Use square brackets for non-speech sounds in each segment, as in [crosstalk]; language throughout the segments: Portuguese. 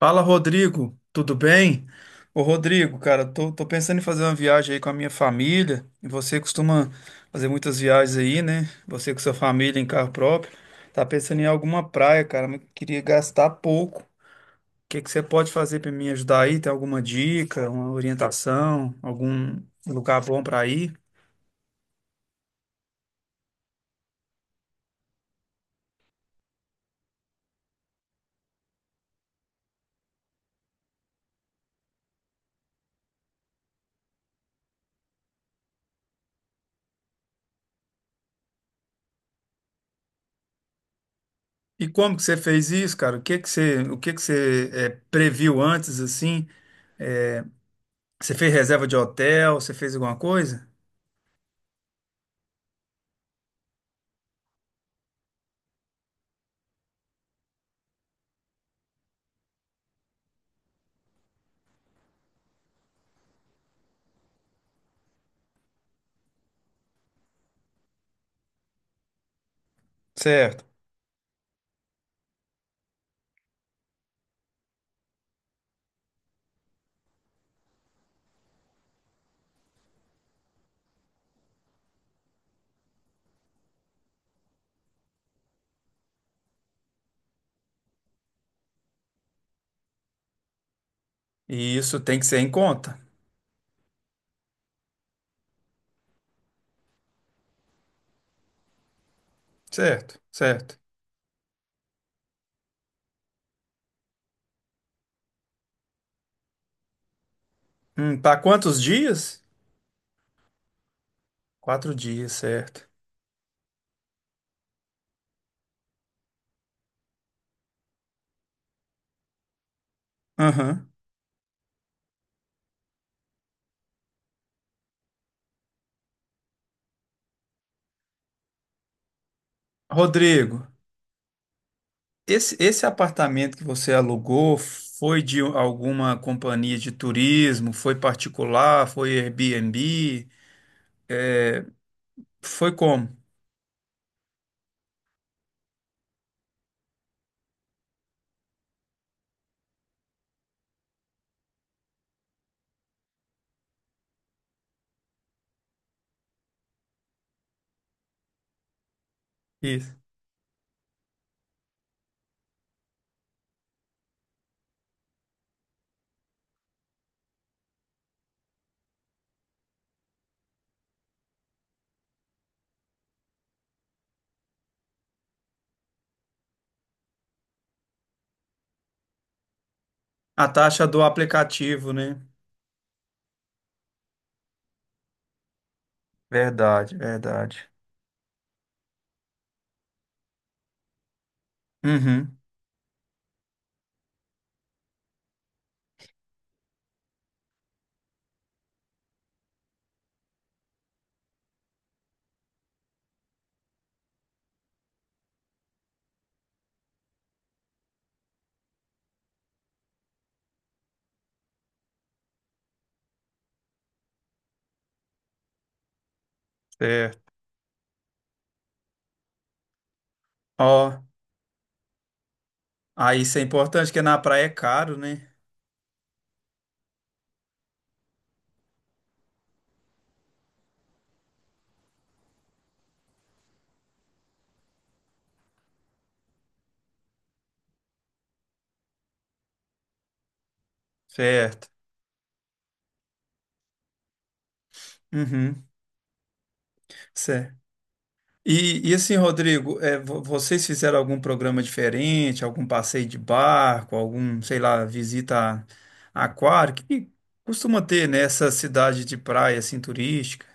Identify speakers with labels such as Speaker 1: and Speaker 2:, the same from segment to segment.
Speaker 1: Fala, Rodrigo, tudo bem? Ô, Rodrigo, cara, tô pensando em fazer uma viagem aí com a minha família. E você costuma fazer muitas viagens aí, né? Você com sua família em carro próprio. Tá pensando em alguma praia, cara, mas queria gastar pouco. O que que você pode fazer para me ajudar aí? Tem alguma dica, uma orientação, algum lugar bom para ir? E como que você fez isso, cara? O que que você, previu antes, assim? Você fez reserva de hotel? Você fez alguma coisa? Certo. E isso tem que ser em conta. Certo, certo. Para quantos dias? Quatro dias, certo. Aham. Rodrigo, esse apartamento que você alugou foi de alguma companhia de turismo? Foi particular? Foi Airbnb? Foi como? Isso. A taxa do aplicativo, né? Verdade, verdade. Uhum, certo. Ó, aí isso é importante, porque na praia é caro, né? Certo. Uhum. E assim, Rodrigo, é, vocês fizeram algum programa diferente, algum passeio de barco, algum, sei lá, visita a aquário, que costuma ter nessa cidade de praia assim turística?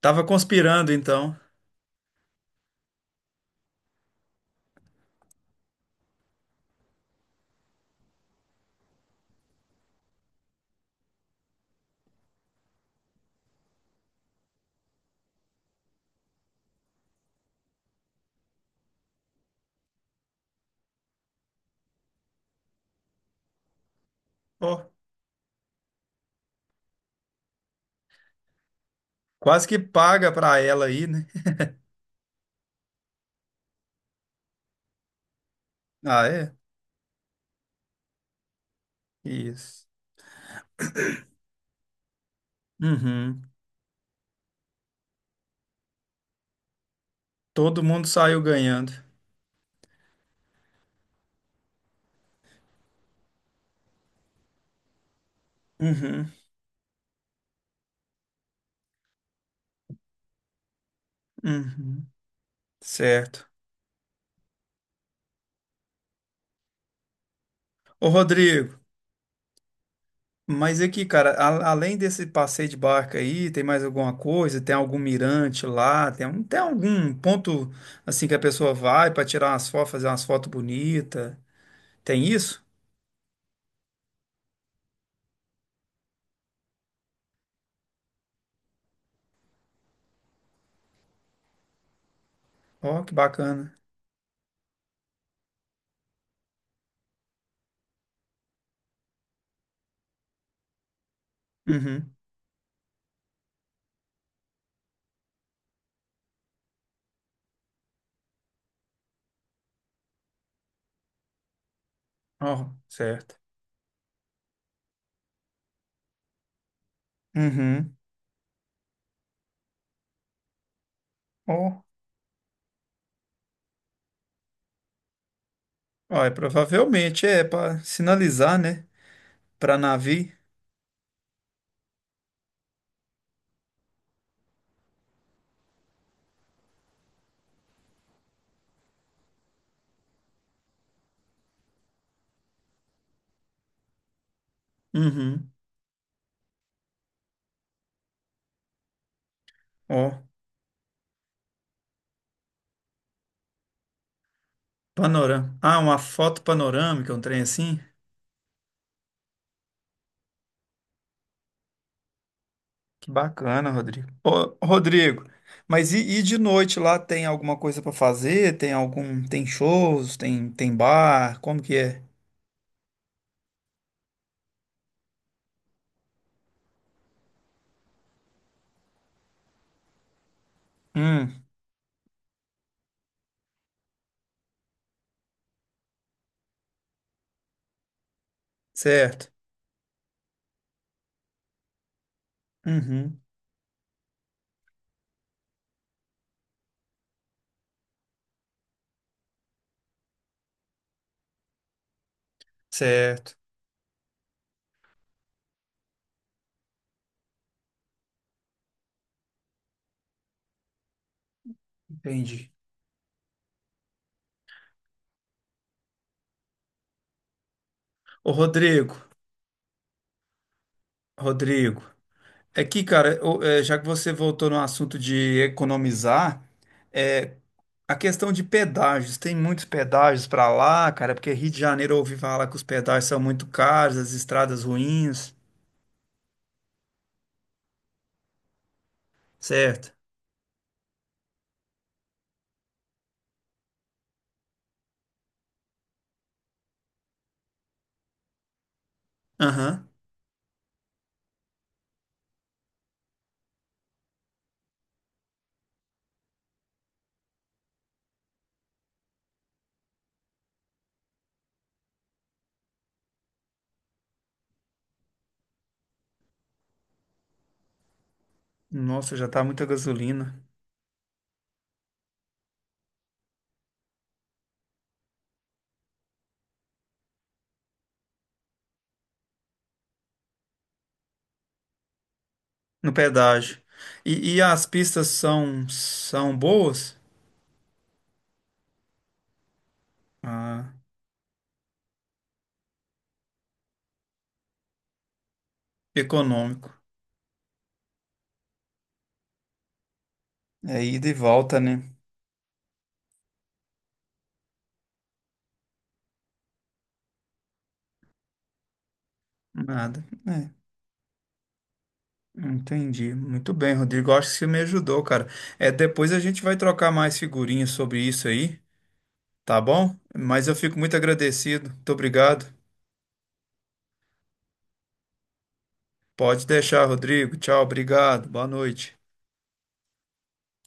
Speaker 1: Tava conspirando então. Ó, quase que paga pra ela aí, né? [laughs] Ah, é? Isso. Uhum. Todo mundo saiu ganhando. Uhum. Uhum. Certo. Ô, Rodrigo. Mas aqui, cara, além desse passeio de barca aí, tem mais alguma coisa? Tem algum mirante lá? Tem algum ponto assim que a pessoa vai para tirar umas fotos, fazer umas fotos bonitas? Tem isso? Ó, que bacana. Uhum. Ó, certo. Uhum. Ó, ó, é, provavelmente é para sinalizar, né? Para navio. Uhum. Ó, panorama. Ah, uma foto panorâmica, um trem assim? Que bacana, Rodrigo. Ô, Rodrigo, mas e de noite lá tem alguma coisa pra fazer? Tem algum, tem shows, tem bar, como que é? Hum, certo. Uhum, certo. Entendi. Ô, Rodrigo, é que, cara, ô, é, já que você voltou no assunto de economizar, é, a questão de pedágios, tem muitos pedágios pra lá, cara, porque Rio de Janeiro eu ouvi falar que os pedágios são muito caros, as estradas ruins, certo? Aham. Nossa, já tá muita gasolina no pedágio. E as pistas são, são boas? Ah, econômico. É ida e volta, né? Nada. É, entendi. Muito bem, Rodrigo. Acho que você me ajudou, cara. É, depois a gente vai trocar mais figurinhas sobre isso aí, tá bom? Mas eu fico muito agradecido. Muito obrigado. Pode deixar, Rodrigo. Tchau, obrigado. Boa noite.